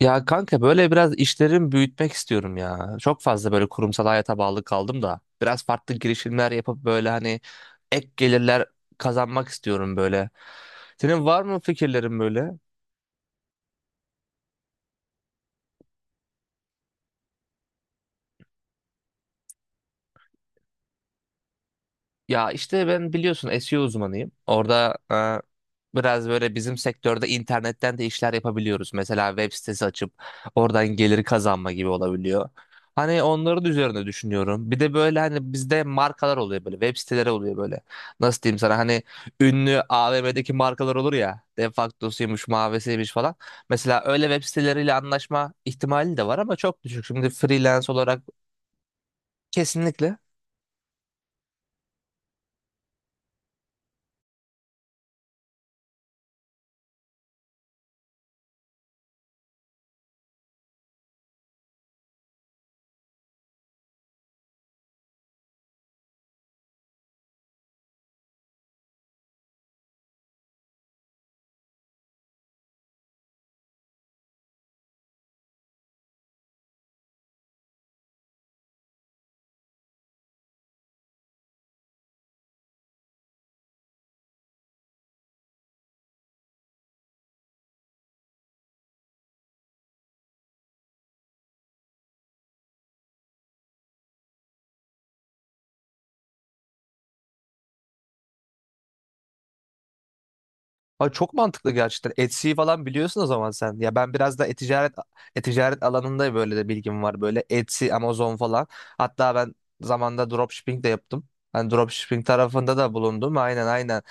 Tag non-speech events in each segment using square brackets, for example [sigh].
Ya kanka böyle biraz işlerimi büyütmek istiyorum ya. Çok fazla böyle kurumsal hayata bağlı kaldım da. Biraz farklı girişimler yapıp böyle hani ek gelirler kazanmak istiyorum böyle. Senin var mı fikirlerin böyle? Ya işte ben biliyorsun SEO uzmanıyım. Orada biraz böyle bizim sektörde internetten de işler yapabiliyoruz. Mesela web sitesi açıp oradan gelir kazanma gibi olabiliyor. Hani onların üzerine düşünüyorum. Bir de böyle hani bizde markalar oluyor böyle web siteleri oluyor böyle. Nasıl diyeyim sana hani ünlü AVM'deki markalar olur ya. De facto'suymuş, mavesiymiş falan. Mesela öyle web siteleriyle anlaşma ihtimali de var ama çok düşük. Şimdi freelance olarak kesinlikle. Ay çok mantıklı gerçekten. Etsy'yi falan biliyorsun o zaman sen. Ya ben biraz da e-ticaret alanında böyle de bilgim var. Böyle Etsy, Amazon falan. Hatta ben zamanda dropshipping de yaptım. Hani dropshipping tarafında da bulundum. Aynen aynen.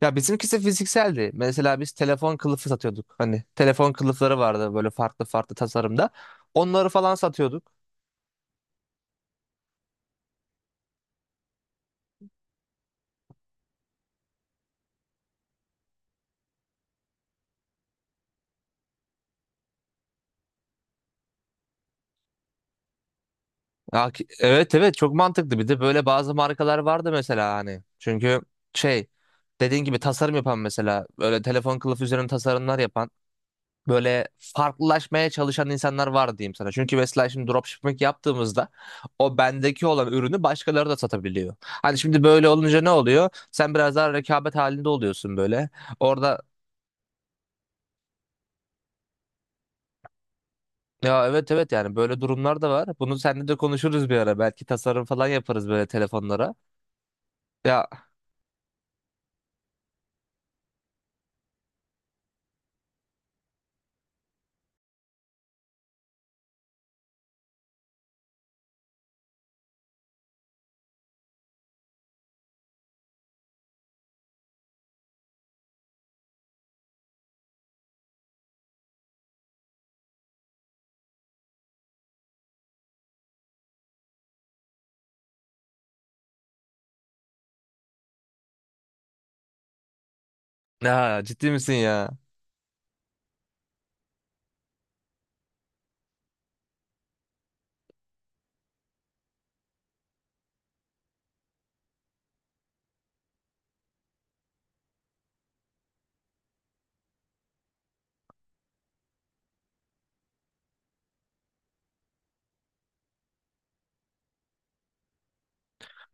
Ya bizimkisi fizikseldi. Mesela biz telefon kılıfı satıyorduk. Hani telefon kılıfları vardı böyle farklı farklı tasarımda. Onları falan satıyorduk. Evet evet çok mantıklı. Bir de böyle bazı markalar vardı mesela hani. Çünkü şey dediğin gibi tasarım yapan mesela böyle telefon kılıfı üzerine tasarımlar yapan böyle farklılaşmaya çalışan insanlar var diyeyim sana. Çünkü mesela şimdi dropshipping yaptığımızda o bendeki olan ürünü başkaları da satabiliyor. Hani şimdi böyle olunca ne oluyor? Sen biraz daha rekabet halinde oluyorsun böyle. Orada ya evet evet yani böyle durumlar da var. Bunu seninle de konuşuruz bir ara. Belki tasarım falan yaparız böyle telefonlara. Ya, ya ciddi misin ya?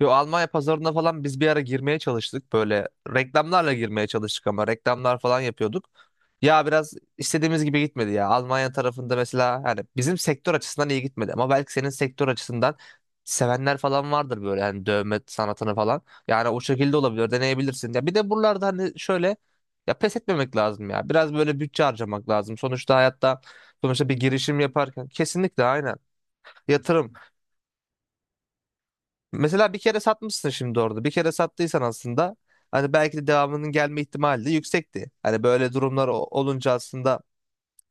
Yo, Almanya pazarına falan biz bir ara girmeye çalıştık. Böyle reklamlarla girmeye çalıştık ama reklamlar falan yapıyorduk. Ya biraz istediğimiz gibi gitmedi ya. Almanya tarafında mesela hani bizim sektör açısından iyi gitmedi ama belki senin sektör açısından sevenler falan vardır böyle hani dövme sanatını falan. Yani o şekilde olabilir, deneyebilirsin. Ya bir de buralarda hani şöyle ya pes etmemek lazım ya. Biraz böyle bütçe harcamak lazım. Sonuçta hayatta sonuçta bir girişim yaparken kesinlikle aynen yatırım. Mesela bir kere satmışsın şimdi orada. Bir kere sattıysan aslında hani belki de devamının gelme ihtimali de yüksekti. Hani böyle durumlar olunca aslında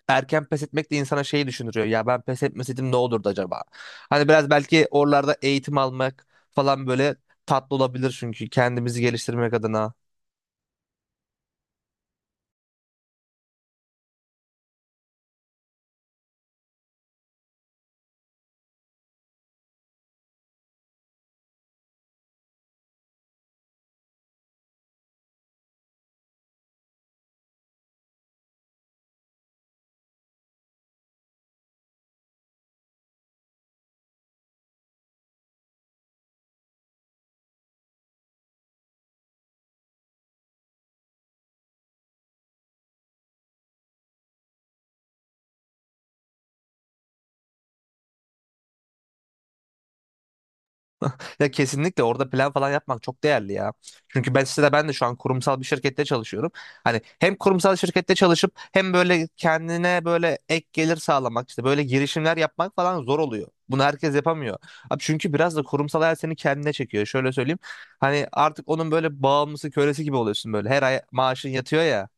erken pes etmek de insana şeyi düşündürüyor. Ya ben pes etmeseydim ne olurdu acaba? Hani biraz belki oralarda eğitim almak falan böyle tatlı olabilir çünkü kendimizi geliştirmek adına. Ya kesinlikle orada plan falan yapmak çok değerli ya. Çünkü ben size de ben de şu an kurumsal bir şirkette çalışıyorum. Hani hem kurumsal şirkette çalışıp hem böyle kendine böyle ek gelir sağlamak işte böyle girişimler yapmak falan zor oluyor. Bunu herkes yapamıyor. Abi çünkü biraz da kurumsal hayat seni kendine çekiyor. Şöyle söyleyeyim. Hani artık onun böyle bağımlısı, kölesi gibi oluyorsun böyle. Her ay maaşın yatıyor ya.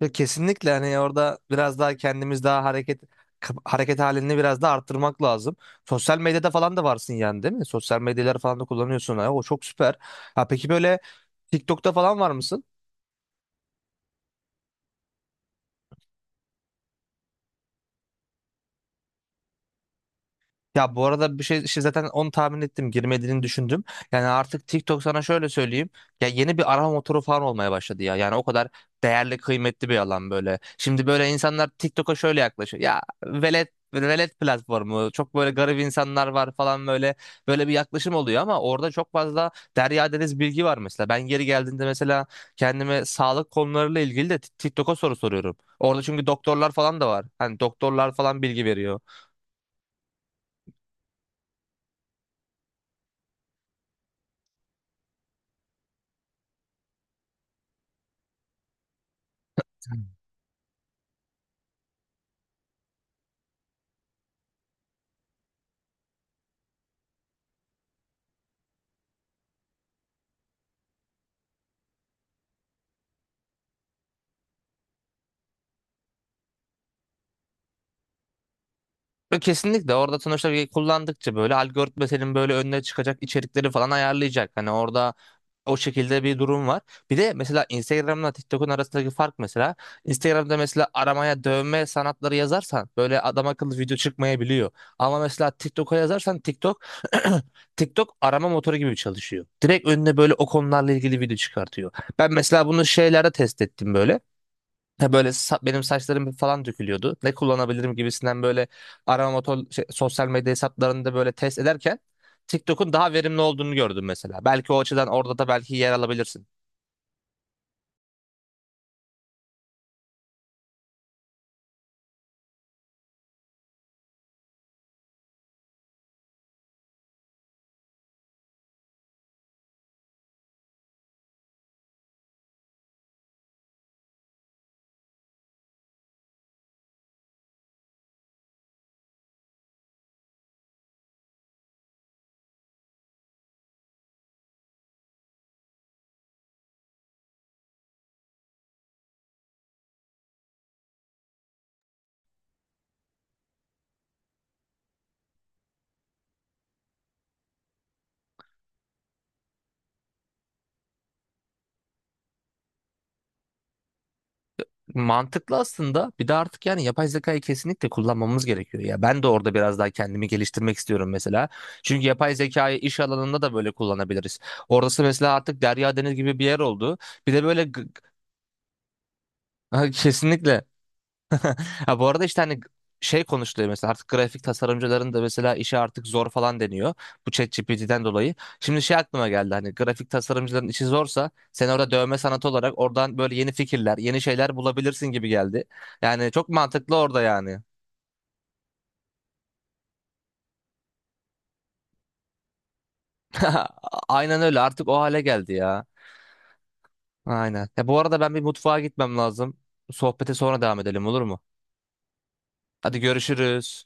Yok kesinlikle hani orada biraz daha kendimiz daha hareket hareket halini biraz daha arttırmak lazım. Sosyal medyada falan da varsın yani değil mi? Sosyal medyaları falan da kullanıyorsun. Ha, o çok süper. Ha peki böyle TikTok'ta falan var mısın? Ya bu arada bir şey şey zaten onu tahmin ettim girmediğini düşündüm. Yani artık TikTok sana şöyle söyleyeyim. Ya yeni bir arama motoru falan olmaya başladı ya. Yani o kadar değerli kıymetli bir alan böyle. Şimdi böyle insanlar TikTok'a şöyle yaklaşıyor. Ya velet velet platformu çok böyle garip insanlar var falan böyle böyle bir yaklaşım oluyor ama orada çok fazla derya deniz bilgi var mesela. Ben geri geldiğinde mesela kendime sağlık konularıyla ilgili de TikTok'a soru soruyorum. Orada çünkü doktorlar falan da var. Hani doktorlar falan bilgi veriyor. Ve kesinlikle orada sonuçta bir kullandıkça böyle algoritma senin böyle önüne çıkacak içerikleri falan ayarlayacak. Hani orada o şekilde bir durum var. Bir de mesela Instagram'la TikTok'un arasındaki fark mesela Instagram'da mesela aramaya dövme sanatları yazarsan böyle adam akıllı video çıkmayabiliyor. Ama mesela TikTok'a yazarsan TikTok [clears throat] TikTok arama motoru gibi çalışıyor. Direkt önüne böyle o konularla ilgili video çıkartıyor. Ben mesela bunu şeylerde test ettim böyle. Ha böyle benim saçlarım falan dökülüyordu. Ne kullanabilirim gibisinden böyle arama motor şey, sosyal medya hesaplarında böyle test ederken TikTok'un daha verimli olduğunu gördüm mesela. Belki o açıdan orada da belki yer alabilirsin. Mantıklı aslında. Bir de artık yani yapay zekayı kesinlikle kullanmamız gerekiyor ya. Ben de orada biraz daha kendimi geliştirmek istiyorum mesela. Çünkü yapay zekayı iş alanında da böyle kullanabiliriz. Orası mesela artık derya deniz gibi bir yer oldu. Bir de böyle [laughs] kesinlikle. Ha, bu arada işte hani şey konuşuluyor mesela artık grafik tasarımcıların da mesela işi artık zor falan deniyor. Bu ChatGPT'den dolayı. Şimdi şey aklıma geldi hani grafik tasarımcıların işi zorsa sen orada dövme sanatı olarak oradan böyle yeni fikirler, yeni şeyler bulabilirsin gibi geldi. Yani çok mantıklı orada yani. [laughs] Aynen öyle artık o hale geldi ya. Aynen. Ya bu arada ben bir mutfağa gitmem lazım. Sohbete sonra devam edelim olur mu? Hadi görüşürüz.